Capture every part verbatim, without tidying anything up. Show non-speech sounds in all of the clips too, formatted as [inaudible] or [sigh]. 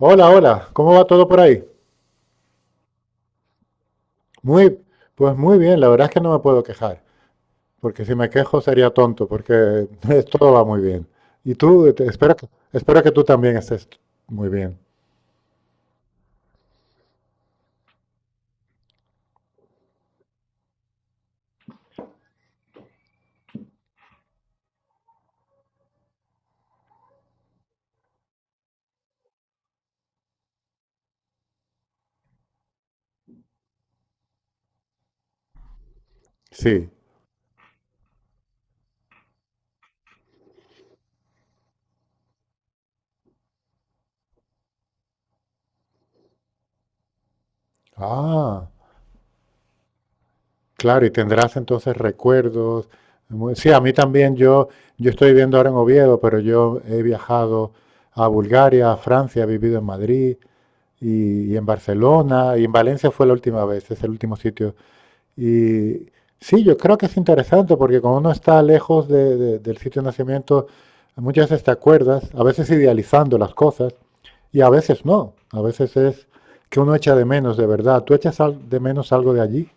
Hola, hola, ¿cómo va todo por ahí? Muy, pues muy bien, la verdad es que no me puedo quejar, porque si me quejo sería tonto, porque [laughs] todo va muy bien. Y tú, te- espero que, espero que tú también estés muy bien. Sí. Ah, claro, y tendrás entonces recuerdos. Muy- Sí, a mí también, yo, yo estoy viviendo ahora en Oviedo, pero yo he viajado a Bulgaria, a Francia, he vivido en Madrid y, y en Barcelona, y en Valencia fue la última vez, es el último sitio. Y sí, yo creo que es interesante porque cuando uno está lejos de- de- del sitio de nacimiento, muchas veces te acuerdas, a veces idealizando las cosas y a veces no. A veces es que uno echa de menos de verdad. ¿Tú echas al- de menos algo de allí?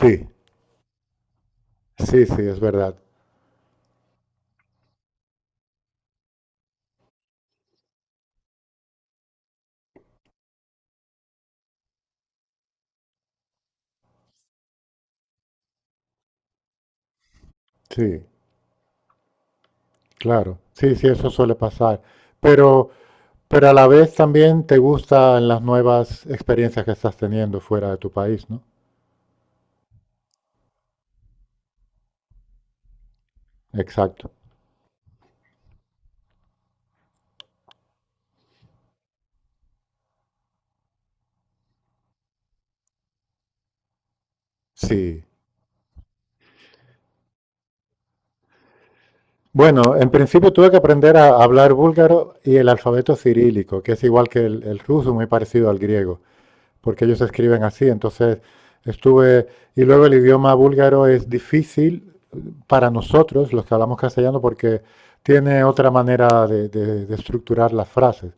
Sí, sí, sí, es verdad. Sí, claro. Sí, sí, eso suele pasar. Pero, pero a la vez también te gustan las nuevas experiencias que estás teniendo fuera de tu país, ¿no? Exacto. Sí. Bueno, en principio tuve que aprender a hablar búlgaro y el alfabeto cirílico, que es igual que el, el ruso, muy parecido al griego, porque ellos escriben así. Entonces estuve, y luego el idioma búlgaro es difícil para nosotros, los que hablamos castellano, porque tiene otra manera de, de- de estructurar las frases.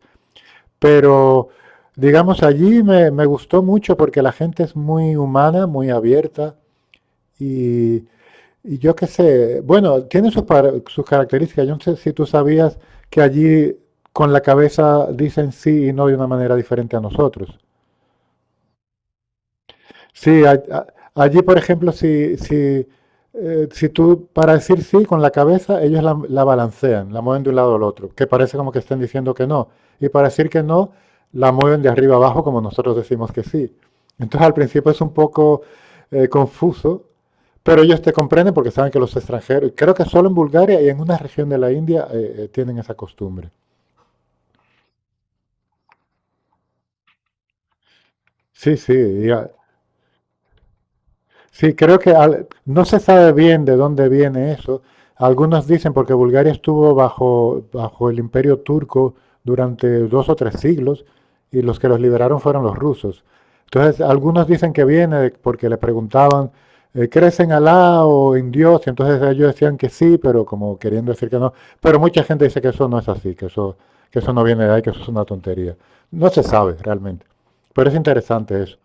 Pero, digamos, allí me, me gustó mucho porque la gente es muy humana, muy abierta y, y yo qué sé, bueno, tiene sus, par- sus características. Yo no sé si tú sabías que allí con la cabeza dicen sí y no de una manera diferente a nosotros. Sí, a- a- allí, por ejemplo, si, si, eh, si tú para decir sí con la cabeza, ellos la, la balancean, la mueven de un lado al otro, que parece como que estén diciendo que no. Y para decir que no, la mueven de arriba abajo como nosotros decimos que sí. Entonces al principio es un poco eh, confuso, pero ellos te comprenden porque saben que los extranjeros, creo que solo en Bulgaria y en una región de la India eh, eh, tienen esa costumbre. Sí, sí, y a- sí, creo que al- no se sabe bien de dónde viene eso. Algunos dicen porque Bulgaria estuvo bajo, bajo el imperio turco durante dos o tres siglos y los que los liberaron fueron los rusos. Entonces, algunos dicen que viene de- porque le preguntaban, eh, ¿crees en Alá o en Dios? Y entonces ellos decían que sí, pero como queriendo decir que no. Pero mucha gente dice que eso no es así, que eso, que eso no viene de ahí, que eso es una tontería. No se sabe realmente. Pero es interesante eso.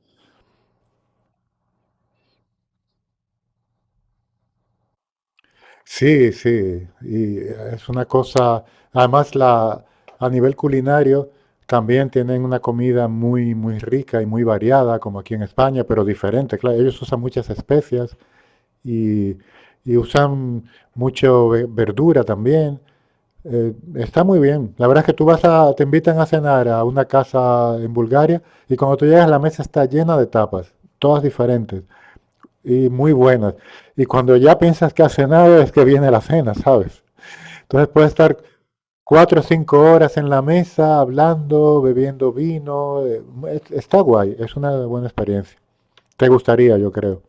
Sí, sí, y es una cosa, además la, a nivel culinario también tienen una comida muy, muy rica y muy variada, como aquí en España, pero diferente, claro, ellos usan muchas especias y, y usan mucho ve- verdura también. Eh, está muy bien. La verdad es que tú vas a, te invitan a cenar a una casa en Bulgaria y cuando tú llegas la mesa está llena de tapas, todas diferentes y muy buenas. Y cuando ya piensas que has cenado es que viene la cena, ¿sabes? Entonces puedes estar cuatro o cinco horas en la mesa hablando, bebiendo vino. eh, es- Está guay, es una buena experiencia. Te gustaría, yo creo.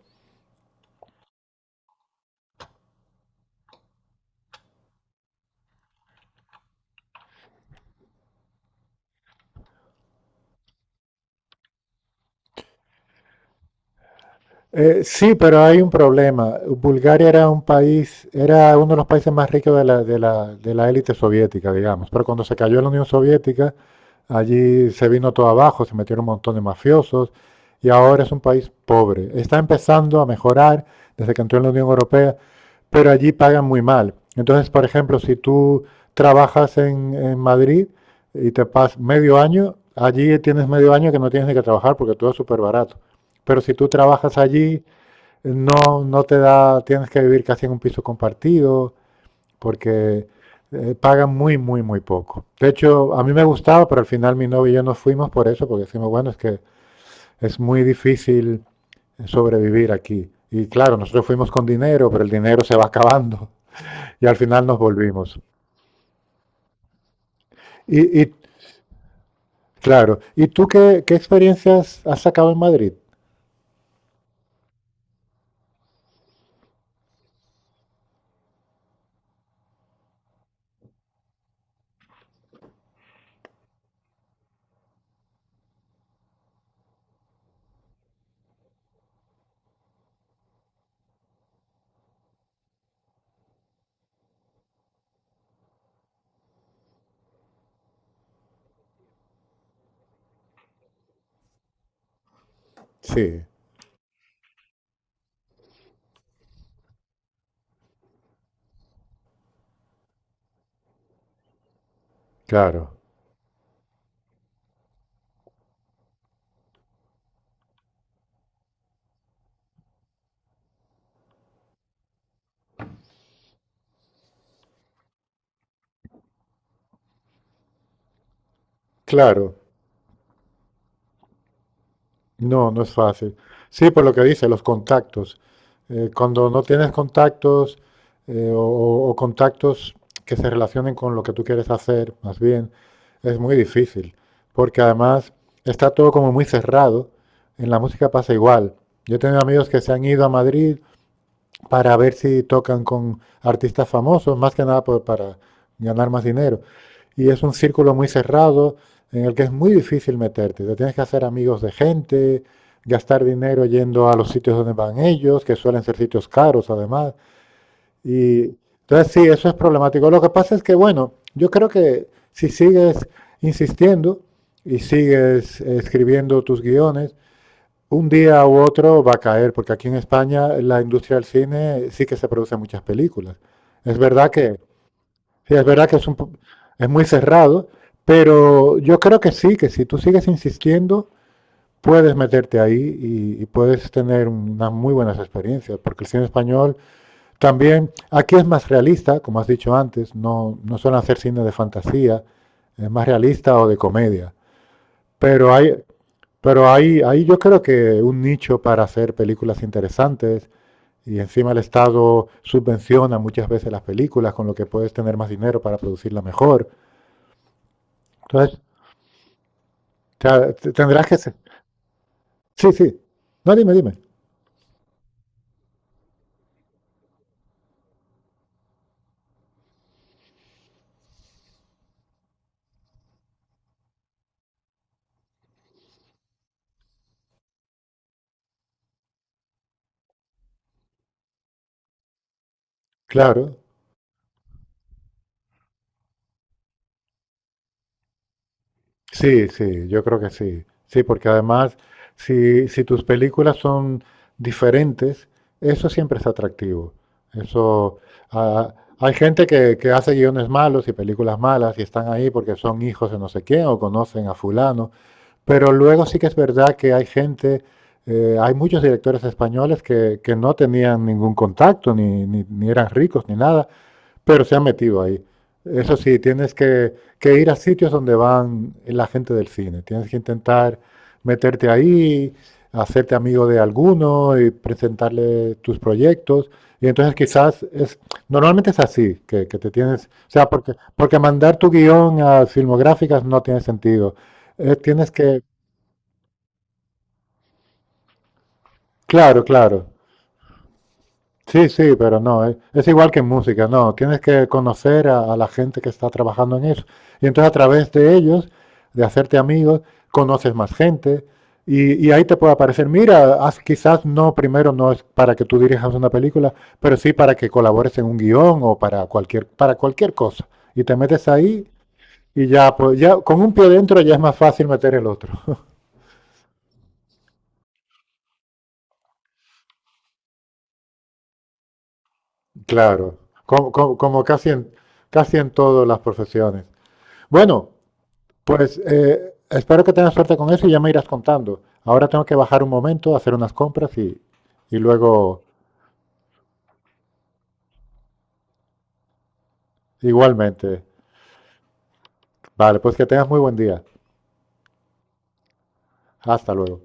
Eh, sí, pero hay un problema. Bulgaria era un país, era uno de los países más ricos de la, de la, de la élite soviética, digamos. Pero cuando se cayó la Unión Soviética, allí se vino todo abajo, se metieron un montón de mafiosos y ahora es un país pobre. Está empezando a mejorar desde que entró en la Unión Europea, pero allí pagan muy mal. Entonces, por ejemplo, si tú trabajas en, en Madrid y te pasas medio año, allí tienes medio año que no tienes ni que trabajar porque todo es súper barato. Pero si tú trabajas allí, no, no te da, tienes que vivir casi en un piso compartido, porque eh, pagan muy, muy, muy poco. De hecho, a mí me gustaba, pero al final mi novio y yo nos fuimos por eso, porque decimos, bueno, es que es muy difícil sobrevivir aquí. Y claro, nosotros fuimos con dinero, pero el dinero se va acabando y al final nos volvimos. Y, y claro, ¿y tú qué, qué experiencias has sacado en Madrid? Sí, claro, claro. No, no es fácil. Sí, por lo que dice, los contactos. Eh, cuando no tienes contactos eh, o, o contactos que se relacionen con lo que tú quieres hacer, más bien, es muy difícil. Porque además está todo como muy cerrado. En la música pasa igual. Yo he tenido amigos que se han ido a Madrid para ver si tocan con artistas famosos, más que nada por- para ganar más dinero. Y es un círculo muy cerrado en el que es muy difícil meterte. Te tienes que hacer amigos de gente, gastar dinero yendo a los sitios donde van ellos, que suelen ser sitios caros además. Y entonces sí, eso es problemático. Lo que pasa es que, bueno, yo creo que si sigues insistiendo y sigues eh, escribiendo tus guiones, un día u otro va a caer, porque aquí en España la industria del cine sí que se producen muchas películas. Es verdad que, sí, es verdad que es, un po- es muy cerrado, pero yo creo que sí, que si tú sigues insistiendo, puedes meterte ahí y, y puedes tener unas muy buenas experiencias, porque el cine español también, aquí es más realista, como has dicho antes, no, no suelen hacer cine de fantasía, es más realista o de comedia. Pero hay, pero ahí, ahí yo creo que un nicho para hacer películas interesantes y encima el Estado subvenciona muchas veces las películas, con lo que puedes tener más dinero para producirla mejor. Entonces, te- te- tendrás que... se- Sí, sí. No, dime, dime. Claro. Sí, sí, yo creo que sí. Sí, porque además, si, si tus películas son diferentes, eso siempre es atractivo. Eso, ah, hay gente que, que hace guiones malos y películas malas y están ahí porque son hijos de no sé quién o conocen a fulano, pero luego sí que es verdad que hay gente, eh, hay muchos directores españoles que, que no tenían ningún contacto, ni, ni, ni eran ricos, ni nada, pero se han metido ahí. Eso sí, tienes que, que ir a sitios donde van la gente del cine. Tienes que intentar meterte ahí, hacerte amigo de alguno y presentarle tus proyectos. Y entonces quizás es, normalmente es así, que, que te tienes, o sea, porque, porque mandar tu guión a filmográficas no tiene sentido. Eh, tienes que, claro, claro. Sí, sí, pero no, es, es igual que en música, no, tienes que conocer a, a la gente que está trabajando en eso. Y entonces a través de ellos, de hacerte amigos, conoces más gente y, y ahí te puede aparecer, mira, haz- quizás no, primero no es para que tú dirijas una película, pero sí para que colabores en un guión o para cualquier, para cualquier cosa. Y te metes ahí y ya, pues ya con un pie dentro ya es más fácil meter el otro. [laughs] Claro, como, como- como casi en, casi en todas las profesiones. Bueno, pues eh, espero que tengas suerte con eso y ya me irás contando. Ahora tengo que bajar un momento, hacer unas compras y, y luego igualmente. Vale, pues que tengas muy buen día. Hasta luego.